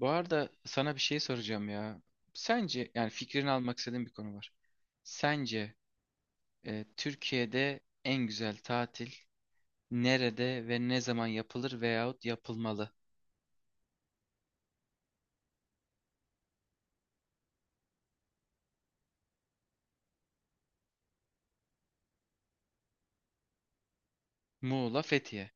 Bu arada sana bir şey soracağım ya. Sence yani fikrini almak istediğim bir konu var. Sence Türkiye'de en güzel tatil nerede ve ne zaman yapılır veyahut yapılmalı? Muğla, Fethiye.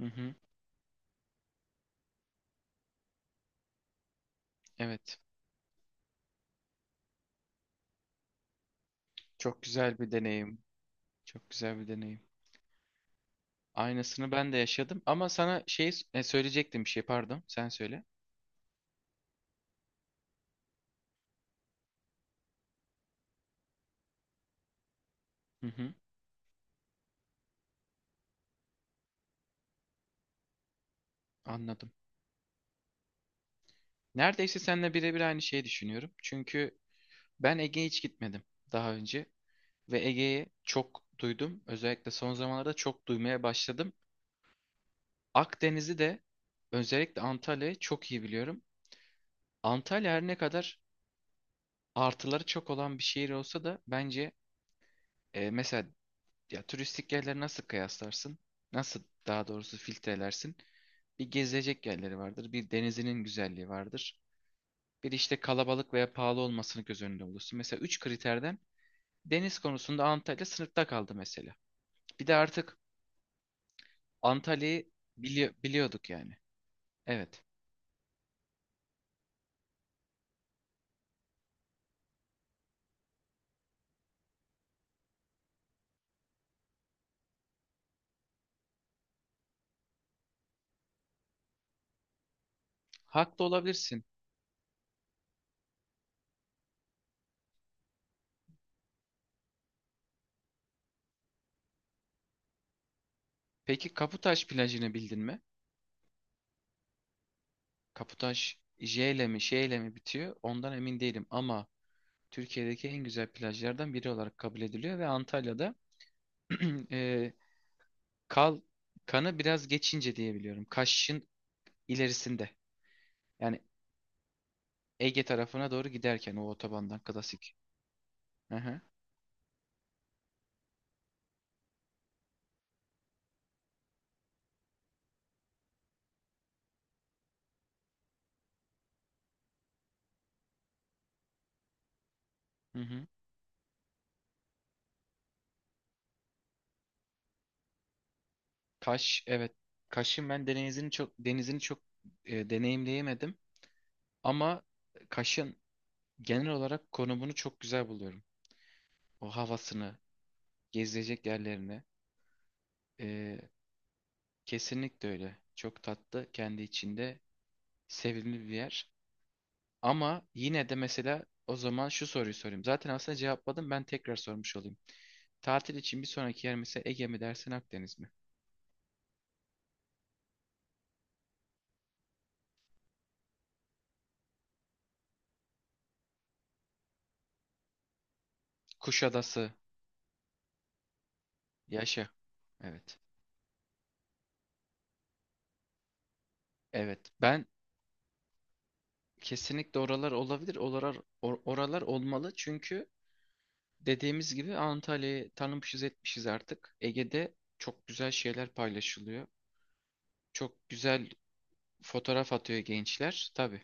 Hı hı, evet. Çok güzel bir deneyim. Çok güzel bir deneyim. Aynısını ben de yaşadım ama sana şey söyleyecektim bir şey, pardon. Sen söyle. Hı hı, anladım. Neredeyse seninle birebir aynı şeyi düşünüyorum. Çünkü ben Ege'ye hiç gitmedim daha önce. Ve Ege'yi çok duydum. Özellikle son zamanlarda çok duymaya başladım. Akdeniz'i de özellikle Antalya'yı çok iyi biliyorum. Antalya her ne kadar artıları çok olan bir şehir olsa da bence, mesela ya turistik yerleri nasıl kıyaslarsın? Nasıl, daha doğrusu, filtrelersin? Bir gezilecek yerleri vardır, bir denizinin güzelliği vardır. Bir işte kalabalık veya pahalı olmasını göz önünde bulursun. Mesela üç kriterden deniz konusunda Antalya sınıfta kaldı mesela. Bir de artık Antalya'yı biliyorduk yani. Evet. Haklı olabilirsin. Peki Kaputaş plajını bildin mi? Kaputaş J ile mi Ş ile mi bitiyor? Ondan emin değilim ama Türkiye'deki en güzel plajlardan biri olarak kabul ediliyor ve Antalya'da e, kal kanı biraz geçince diye biliyorum. Kaş'ın ilerisinde. Yani Ege tarafına doğru giderken o otobandan klasik. Hı hı. Hı hı. Kaş, evet. Kaş'ın ben denizini çok denizini çok e, deneyimleyemedim ama Kaş'ın genel olarak konumunu çok güzel buluyorum. O havasını, gezilecek yerlerini. Ee, Kesinlikle öyle. Çok tatlı, kendi içinde sevimli bir yer. Ama yine de, mesela, o zaman şu soruyu sorayım. Zaten aslında cevapladım, ben tekrar sormuş olayım. Tatil için bir sonraki yer mesela Ege mi dersin, Akdeniz mi? Kuşadası, yaşa. Evet. Evet. Kesinlikle oralar olabilir. Oralar, oralar olmalı çünkü dediğimiz gibi Antalya'yı tanımışız etmişiz artık. Ege'de çok güzel şeyler paylaşılıyor. Çok güzel fotoğraf atıyor gençler. Tabii.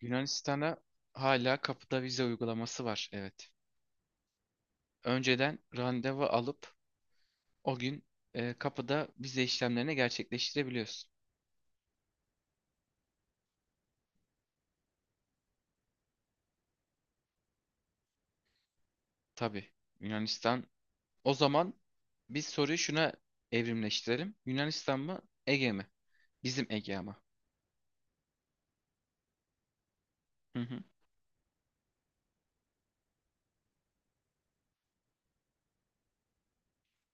Yunanistan'a hala kapıda vize uygulaması var. Evet. Önceden randevu alıp o gün kapıda vize işlemlerini gerçekleştirebiliyorsun. Tabii Yunanistan. O zaman biz soruyu şuna evrimleştirelim. Yunanistan mı Ege mi? Bizim Ege ama. Hı hı.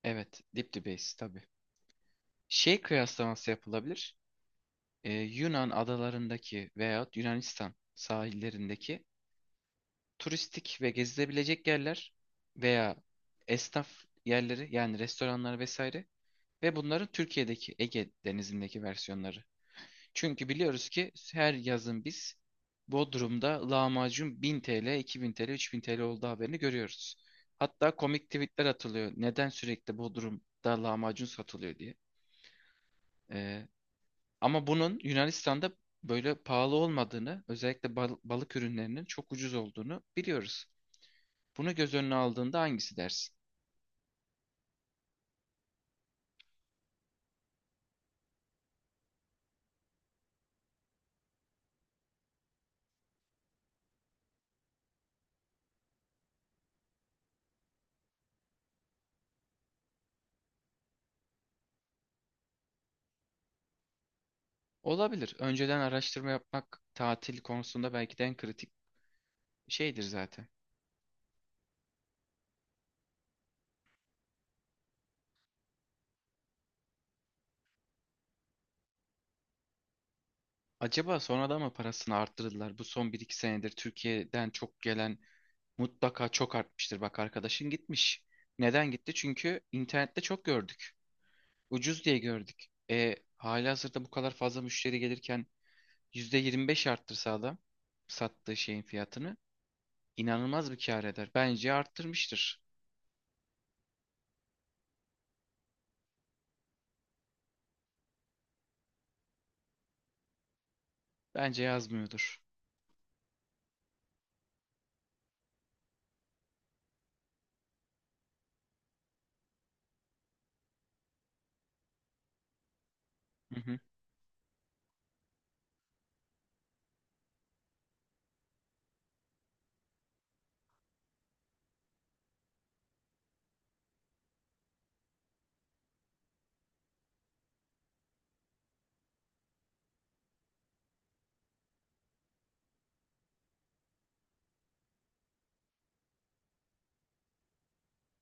Evet, dip dibeyiz tabii. Şey kıyaslaması yapılabilir. Yunan adalarındaki veyahut Yunanistan sahillerindeki turistik ve gezilebilecek yerler veya esnaf yerleri, yani restoranlar vesaire, ve bunların Türkiye'deki Ege Denizi'ndeki versiyonları. Çünkü biliyoruz ki her yazın biz Bodrum'da lahmacun 1000 TL, 2000 TL, 3000 TL olduğu haberini görüyoruz. Hatta komik tweetler atılıyor. Neden sürekli Bodrum'da lahmacun satılıyor diye. Ee, Ama bunun Yunanistan'da böyle pahalı olmadığını, özellikle balık ürünlerinin çok ucuz olduğunu biliyoruz. Bunu göz önüne aldığında hangisi dersin? Olabilir. Önceden araştırma yapmak tatil konusunda belki de en kritik şeydir zaten. Acaba sonradan mı parasını arttırdılar? Bu son bir iki senedir Türkiye'den çok gelen mutlaka çok artmıştır. Bak, arkadaşın gitmiş. Neden gitti? Çünkü internette çok gördük. Ucuz diye gördük. Halihazırda bu kadar fazla müşteri gelirken %25 arttırsa adam sattığı şeyin fiyatını, inanılmaz bir kâr eder. Bence arttırmıştır. Bence yazmıyordur. Hı hı.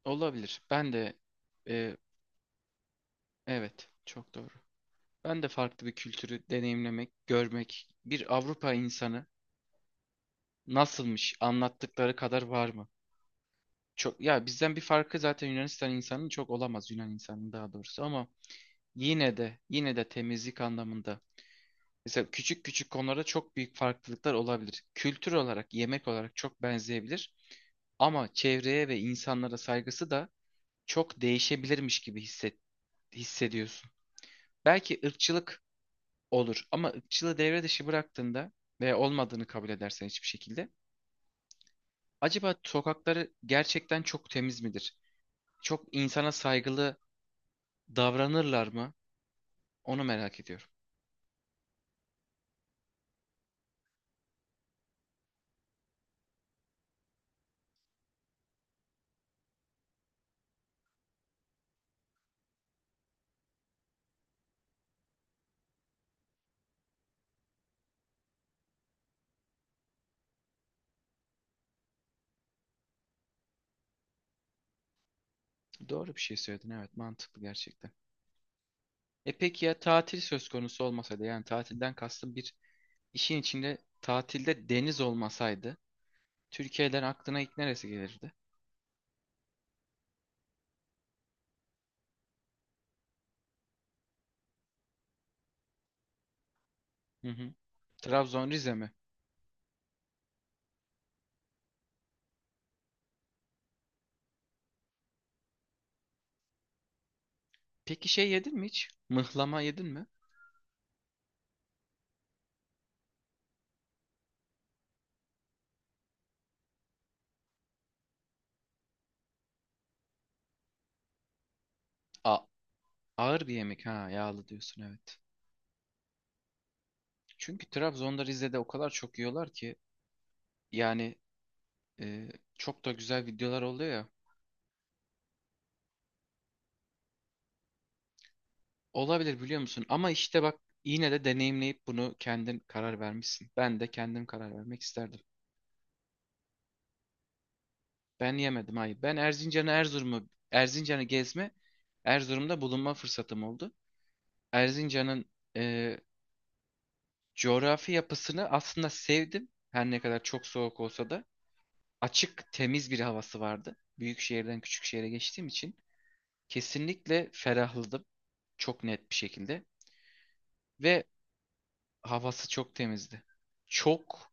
Olabilir. Ben de e, evet, çok doğru. Ben de farklı bir kültürü deneyimlemek, görmek, bir Avrupa insanı nasılmış, anlattıkları kadar var mı? Çok ya, bizden bir farkı zaten Yunanistan insanının çok olamaz, Yunan insanının daha doğrusu, ama yine de, yine de temizlik anlamında, mesela küçük küçük konularda çok büyük farklılıklar olabilir. Kültür olarak, yemek olarak çok benzeyebilir. Ama çevreye ve insanlara saygısı da çok değişebilirmiş gibi hissediyorsun. Belki ırkçılık olur ama ırkçılığı devre dışı bıraktığında ve olmadığını kabul edersen, hiçbir şekilde, acaba sokakları gerçekten çok temiz midir? Çok insana saygılı davranırlar mı? Onu merak ediyorum. Doğru bir şey söyledin, evet, mantıklı gerçekten. E peki ya tatil söz konusu olmasaydı, yani tatilden kastım bir işin içinde tatilde deniz olmasaydı, Türkiye'den aklına ilk neresi gelirdi? Hı hı. Trabzon, Rize mi? Peki şey yedin mi hiç? Mıhlama yedin mi? A ağır bir yemek ha, yağlı diyorsun, evet. Çünkü Trabzon'da, Rize'de o kadar çok yiyorlar ki, yani, e, çok da güzel videolar oluyor ya. Olabilir, biliyor musun? Ama işte bak, yine de deneyimleyip bunu kendin karar vermişsin. Ben de kendim karar vermek isterdim. Ben yemedim, hayır. Ben Erzincan'ı Erzurum'u Erzincan'ı gezme, Erzurum'da bulunma fırsatım oldu. Erzincan'ın e, coğrafi yapısını aslında sevdim. Her ne kadar çok soğuk olsa da açık, temiz bir havası vardı. Büyük şehirden küçük şehre geçtiğim için kesinlikle ferahladım. Çok net bir şekilde ve havası çok temizdi. Çok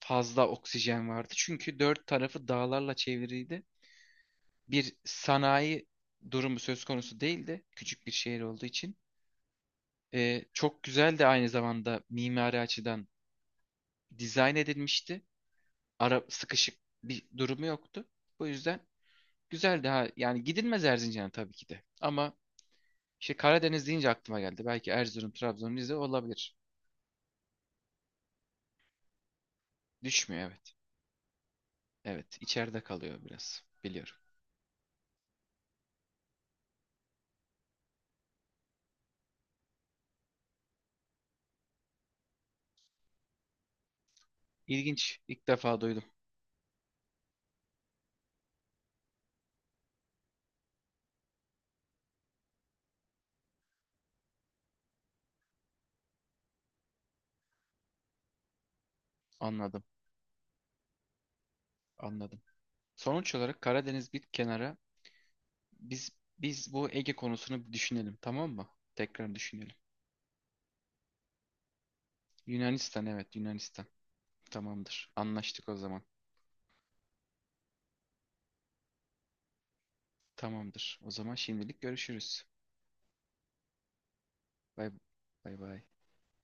fazla oksijen vardı. Çünkü dört tarafı dağlarla çevriydi, bir sanayi durumu söz konusu değildi. Küçük bir şehir olduğu için. Çok güzel de aynı zamanda mimari açıdan dizayn edilmişti. Ara sıkışık bir durumu yoktu. Bu yüzden güzel, daha yani gidilmez Erzincan'a tabii ki de. Ama işte Karadeniz deyince aklıma geldi. Belki Erzurum, Trabzon, Rize olabilir. Düşmüyor, evet. Evet, içeride kalıyor biraz. Biliyorum. İlginç. İlk defa duydum. Anladım. Anladım. Sonuç olarak Karadeniz bir kenara, Biz biz bu Ege konusunu bir düşünelim, tamam mı? Tekrar düşünelim. Yunanistan, evet Yunanistan. Tamamdır. Anlaştık o zaman. Tamamdır. O zaman şimdilik görüşürüz. Bay, bay, bay.